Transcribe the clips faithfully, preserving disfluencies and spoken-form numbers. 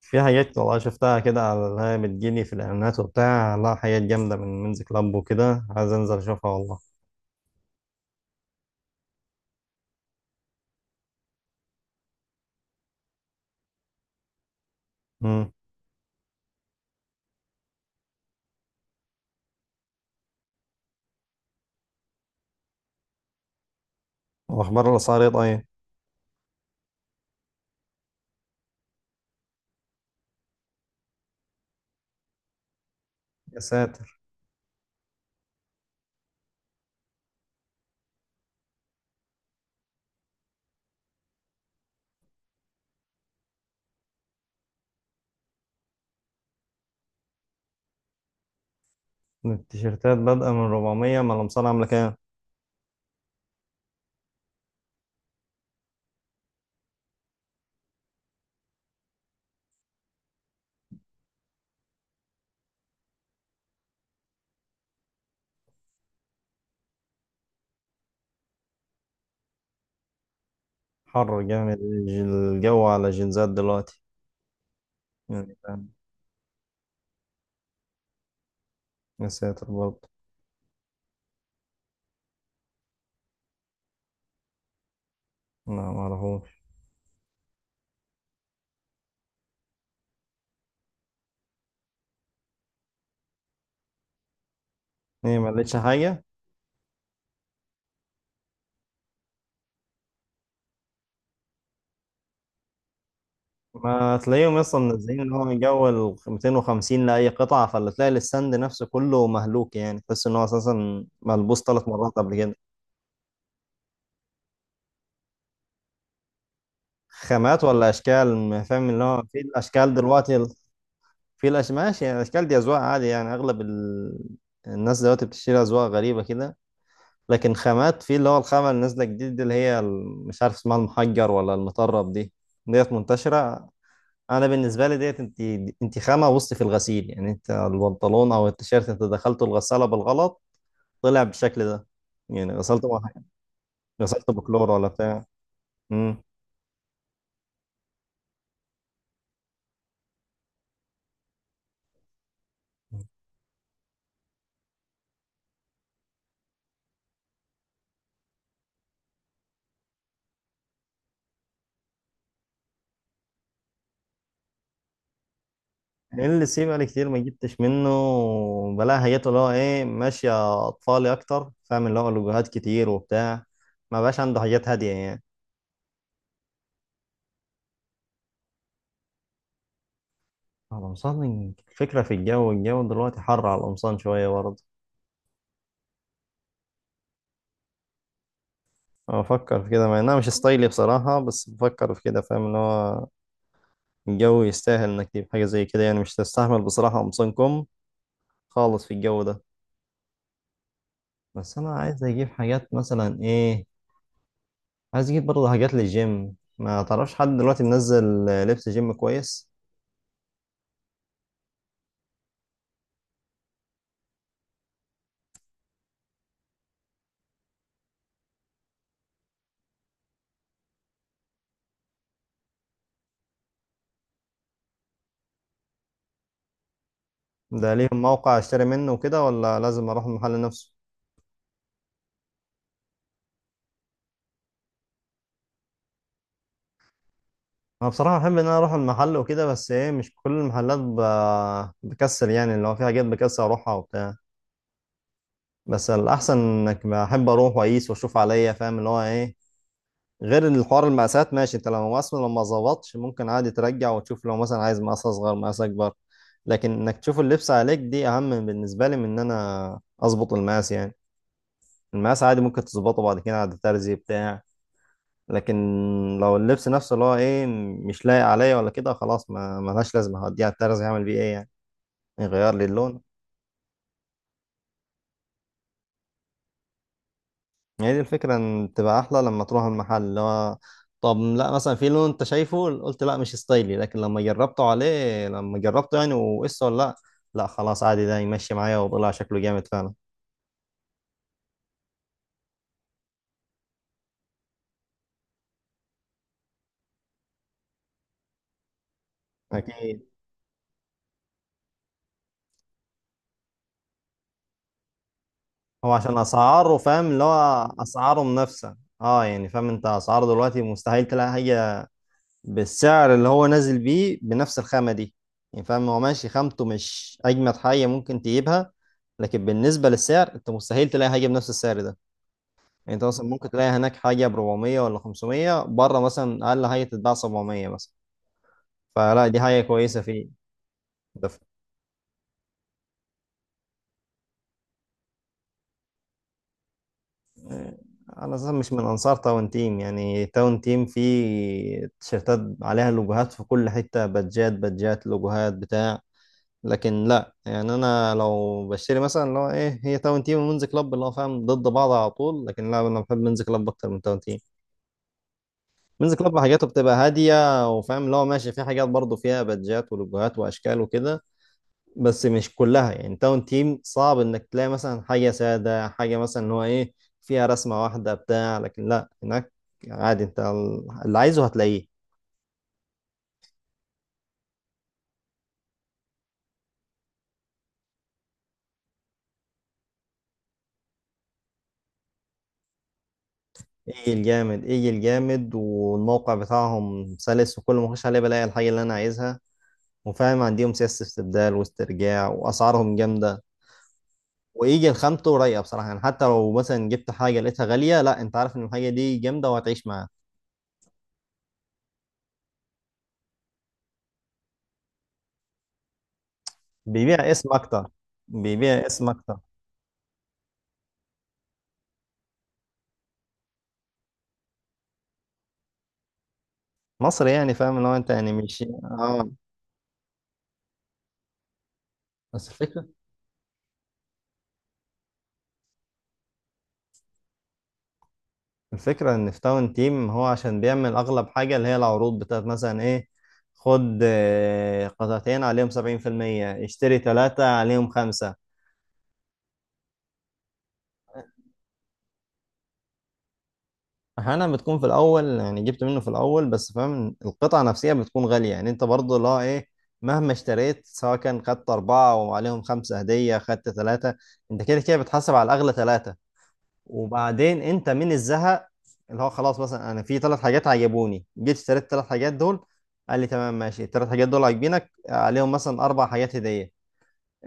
في حاجات والله شفتها كده على اللي هي بتجيلي في الإعلانات وبتاع، لا حاجات جامدة من منز كلاب وكده، عايز أنزل أشوفها والله. امم وأخبار الأسعار إيه طيب؟ يا ساتر، التيشيرتات بادئة من أربعة مية؟ ما الأمصار عاملة كام؟ حر جامد الجو على الجينزات دلوقتي، يعني فاهم. يا ساتر برضه. لا معرفوش. إيه ما لقيتش حاجة؟ ما تلاقيهم اصلا منزلين ان هو من جو ال ميتين وخمسين لاي قطعه، فاللي تلاقي الستاند نفسه كله مهلوك، يعني تحس ان هو اساسا ملبوس ثلاث مرات قبل كده. خامات ولا اشكال؟ ما فاهم اللي هو في الاشكال دلوقتي ال- في الأش... ماشي، يعني الاشكال دي اذواق، عادي يعني اغلب ال... الناس دلوقتي بتشتري اذواق غريبه كده. لكن خامات، في اللي هو الخامه اللي نازله جديد دي، اللي هي ال- مش عارف اسمها، المحجر ولا المطرب دي، ديت منتشره. انا بالنسبه لي ديت انت انت خامه وسط في الغسيل، يعني انت البنطلون او التيشيرت انت دخلته الغساله بالغلط، طلع بالشكل ده، يعني غسلته مع- غسلته بكلور ولا بتاع. امم ال سي بقالي كتير ما جبتش منه، بلاها، جت اللي هو ايه، ماشية اطفالي اكتر، فاهم اللي هو لوجوهات كتير وبتاع، ما بقاش عنده حاجات هادية يعني. القمصان الفكرة في الجو الجو دلوقتي حر على القمصان شوية برضه. أنا بفكر في كده مع انها مش ستايلي بصراحة، بس بفكر في كده، فاهم اللي هو الجو يستاهل انك تجيب حاجة زي كده، يعني مش تستحمل بصراحة قمصان كم خالص في الجو ده. بس انا عايز اجيب حاجات مثلا ايه، عايز اجيب برضه حاجات للجيم. ما تعرفش حد دلوقتي منزل لبس جيم كويس؟ ده ليهم موقع اشتري منه وكده، ولا لازم اروح المحل نفسه؟ انا بصراحه بحب ان انا اروح المحل وكده، بس ايه مش كل المحلات ب... بكسل، يعني اللي هو في حاجات بكسل اروحها وبتاع. بس الاحسن انك، بحب اروح واقيس واشوف عليا، فاهم اللي هو ايه، غير الحوار المقاسات. ماشي، انت لو اصلا لو ما ظبطش ممكن عادي ترجع وتشوف، لو مثلا عايز مقاس اصغر مقاس اكبر. لكن انك تشوف اللبس عليك دي اهم بالنسبه لي من ان انا اظبط المقاس، يعني المقاس عادي ممكن تظبطه بعد كده عند ترزي بتاع. لكن لو اللبس نفسه اللي هو ايه مش لايق عليا ولا كده، خلاص ما ملهاش لازمه، هوديها الترز يعمل بيه ايه يعني؟ يغير لي اللون؟ هي دي الفكره، ان تبقى احلى لما تروح المحل اللي هو، طب لا مثلا في لون انت شايفه قلت لا مش ستايلي، لكن لما جربته عليه لما جربته، يعني وقصه ولا لا، لا خلاص عادي ده يمشي معايا وطلع شكله جامد فعلا. اكيد. هو عشان اسعاره فاهم اللي هو، اسعاره منافسه. اه يعني فاهم، انت اسعاره دلوقتي مستحيل تلاقي حاجه بالسعر اللي هو نازل بيه بنفس الخامة دي. يعني فاهم، هو ماشي خامته مش أجمد حاجة ممكن تجيبها، لكن بالنسبة للسعر أنت مستحيل تلاقي حاجة بنفس السعر ده. يعني أنت مثلا ممكن تلاقي هناك حاجة ب أربعمية ولا خمسمية، بره مثلا أقل حاجة تتباع سبعمية مثلا. فلا دي حاجة كويسة فيه. ده ف... أنا أساسا مش من أنصار تاون تيم، يعني تاون تيم فيه تيشيرتات عليها لوجوهات في كل حتة، بادجات بادجات لوجوهات بتاع. لكن لا يعني انا لو بشتري مثلا اللي هو ايه، هي تاون تيم ومنز كلاب اللي هو فاهم ضد بعض على طول، لكن لا انا بحب منز كلاب اكتر من تاون تيم. منز كلاب حاجاته بتبقى هاديه، وفاهم اللي هو ماشي في حاجات برضه فيها بادجات ولوجوهات واشكال وكده، بس مش كلها. يعني تاون تيم صعب انك تلاقي مثلا حاجه ساده، حاجه مثلا اللي هو ايه فيها رسمه واحده بتاع. لكن لا هناك عادي، انت اللي عايزه هتلاقيه. ايه الجامد ايه الجامد، والموقع بتاعهم سلس، وكل ما اخش عليه بلاقي الحاجه اللي انا عايزها، وفاهم عندهم سياسة استبدال واسترجاع، وأسعارهم جامدة، ويجي الخامته رايقة بصراحة، يعني حتى لو مثلا جبت حاجة لقيتها غالية، لا أنت عارف إن الحاجة دي جامدة وهتعيش معاها. بيبيع اسم أكتر. بيبيع اسم أكتر. مصر يعني فاهم، لو أنت يعني مش آه. بس الفكرة، الفكرة إن في تاون تيم، هو عشان بيعمل أغلب حاجة اللي هي العروض بتاعت مثلا إيه، خد آه، قطعتين عليهم سبعين في المية، اشتري تلاتة عليهم خمسة. احيانا بتكون في الاول، يعني جبت منه في الاول، بس فاهم القطعه نفسها بتكون غاليه، يعني انت برضه لا ايه، مهما اشتريت، سواء كان خدت اربعه وعليهم خمسه هديه، خدت ثلاثه، انت كده كده بتحاسب على الاغلى ثلاثه. وبعدين انت من الزهق اللي هو خلاص، مثلا انا في ثلاث حاجات عجبوني، جيت اشتريت الثلاث حاجات دول، قال لي تمام ماشي الثلاث حاجات دول عاجبينك عليهم مثلا اربع حاجات هديه،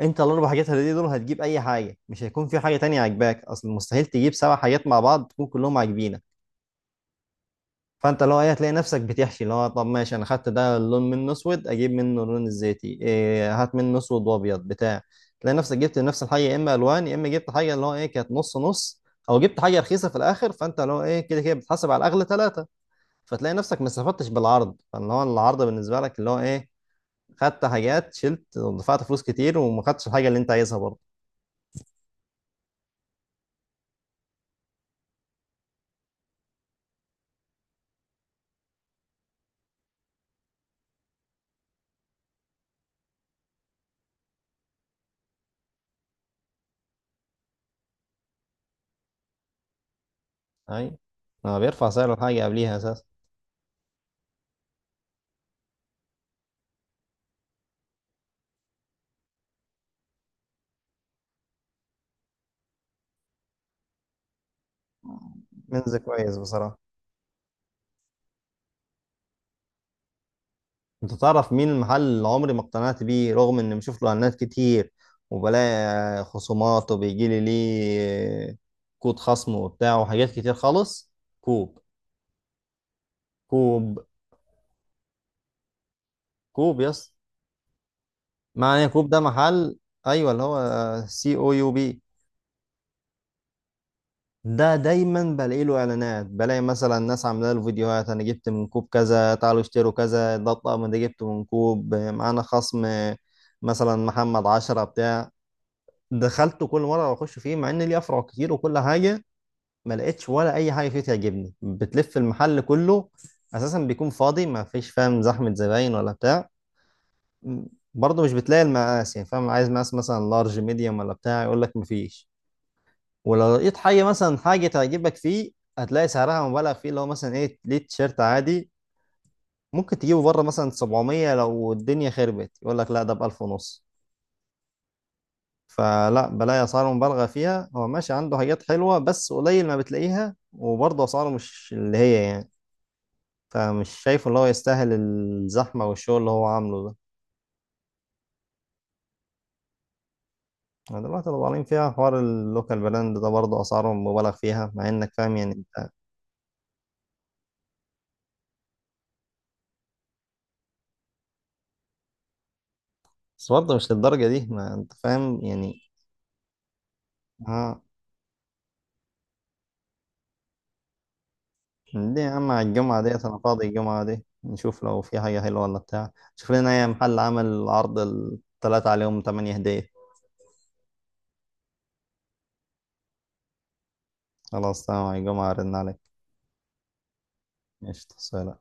انت الاربع حاجات هديه دول هتجيب اي حاجه، مش هيكون في حاجه تانية عاجباك، اصل مستحيل تجيب سبع حاجات مع بعض تكون كلهم عاجبينك. فانت لو ايه هتلاقي نفسك بتحشي، اللي هو طب ماشي انا خدت ده اللون منه اسود، اجيب منه اللون الزيتي، إيه هات منه اسود وابيض بتاع، تلاقي نفسك جبت نفس الحاجه يا اما الوان، يا اما جبت حاجه اللي هو ايه كانت نص نص، او جبت حاجه رخيصه في الاخر، فانت اللي هو ايه كده كده بتحاسب على الاغلى ثلاثه. فتلاقي نفسك ما استفدتش بالعرض، فاللي هو العرض بالنسبه لك اللي هو ايه، خدت حاجات شلت ودفعت فلوس كتير، وما خدتش الحاجه اللي انت عايزها برضه. اي، ما بيرفع سعر الحاجه قبليها اساسا. منز كويس بصراحه. انت تعرف مين المحل اللي عمري ما اقتنعت بيه، رغم اني بشوف له اعلانات كتير، وبلاقي خصومات، وبيجي لي ليه كود خصم وبتاع وحاجات كتير خالص؟ كوب. كوب. كوب يس. معنى إيه كوب؟ ده محل، ايوه اللي هو سي او يو بي. ده دايما بلاقي له اعلانات، بلاقي مثلا ناس عامله له فيديوهات، انا جبت من كوب كذا، تعالوا اشتروا كذا، ده الطقم ده جبته من كوب، معانا خصم مثلا محمد عشرة بتاع. دخلته كل مره بخش فيه، مع ان ليه افرع كتير وكل حاجه، ما لقيتش ولا اي حاجه فيه تعجبني، بتلف المحل كله اساسا، بيكون فاضي ما فيش فاهم زحمه زباين ولا بتاع. برضه مش بتلاقي المقاس، يعني فاهم عايز مقاس مثلا لارج ميديوم ولا بتاع يقول لك مفيش. ولو لقيت حاجه مثلا حاجه تعجبك فيه، هتلاقي سعرها مبالغ فيه، اللي هو مثلا ايه، ليه تيشيرت عادي ممكن تجيبه بره مثلا سبعمية، لو الدنيا خربت يقول لك لا ده ب ألف ونص. فلا بلاقي اسعار مبالغه فيها، هو ماشي عنده حاجات حلوه بس قليل ما بتلاقيها، وبرضه اسعاره مش اللي هي يعني. فمش شايفه اللي هو يستاهل الزحمه والشغل اللي هو عامله ده. أنا دلوقتي لو طالعين فيها حوار اللوكال براند، ده برضه اسعاره مبالغ فيها، مع انك فاهم يعني انت، بس برضه مش للدرجه دي، ما انت فاهم يعني. اه. دي يا عم على الجمعه ديت، انا فاضي الجمعه دي، نشوف لو في حاجه حلوه ولا بتاع. شوف لنا اي محل عمل عرض الثلاثه عليهم تمنية هديه. خلاص تمام، على الجمعه ارن عليك. ماشي سلام.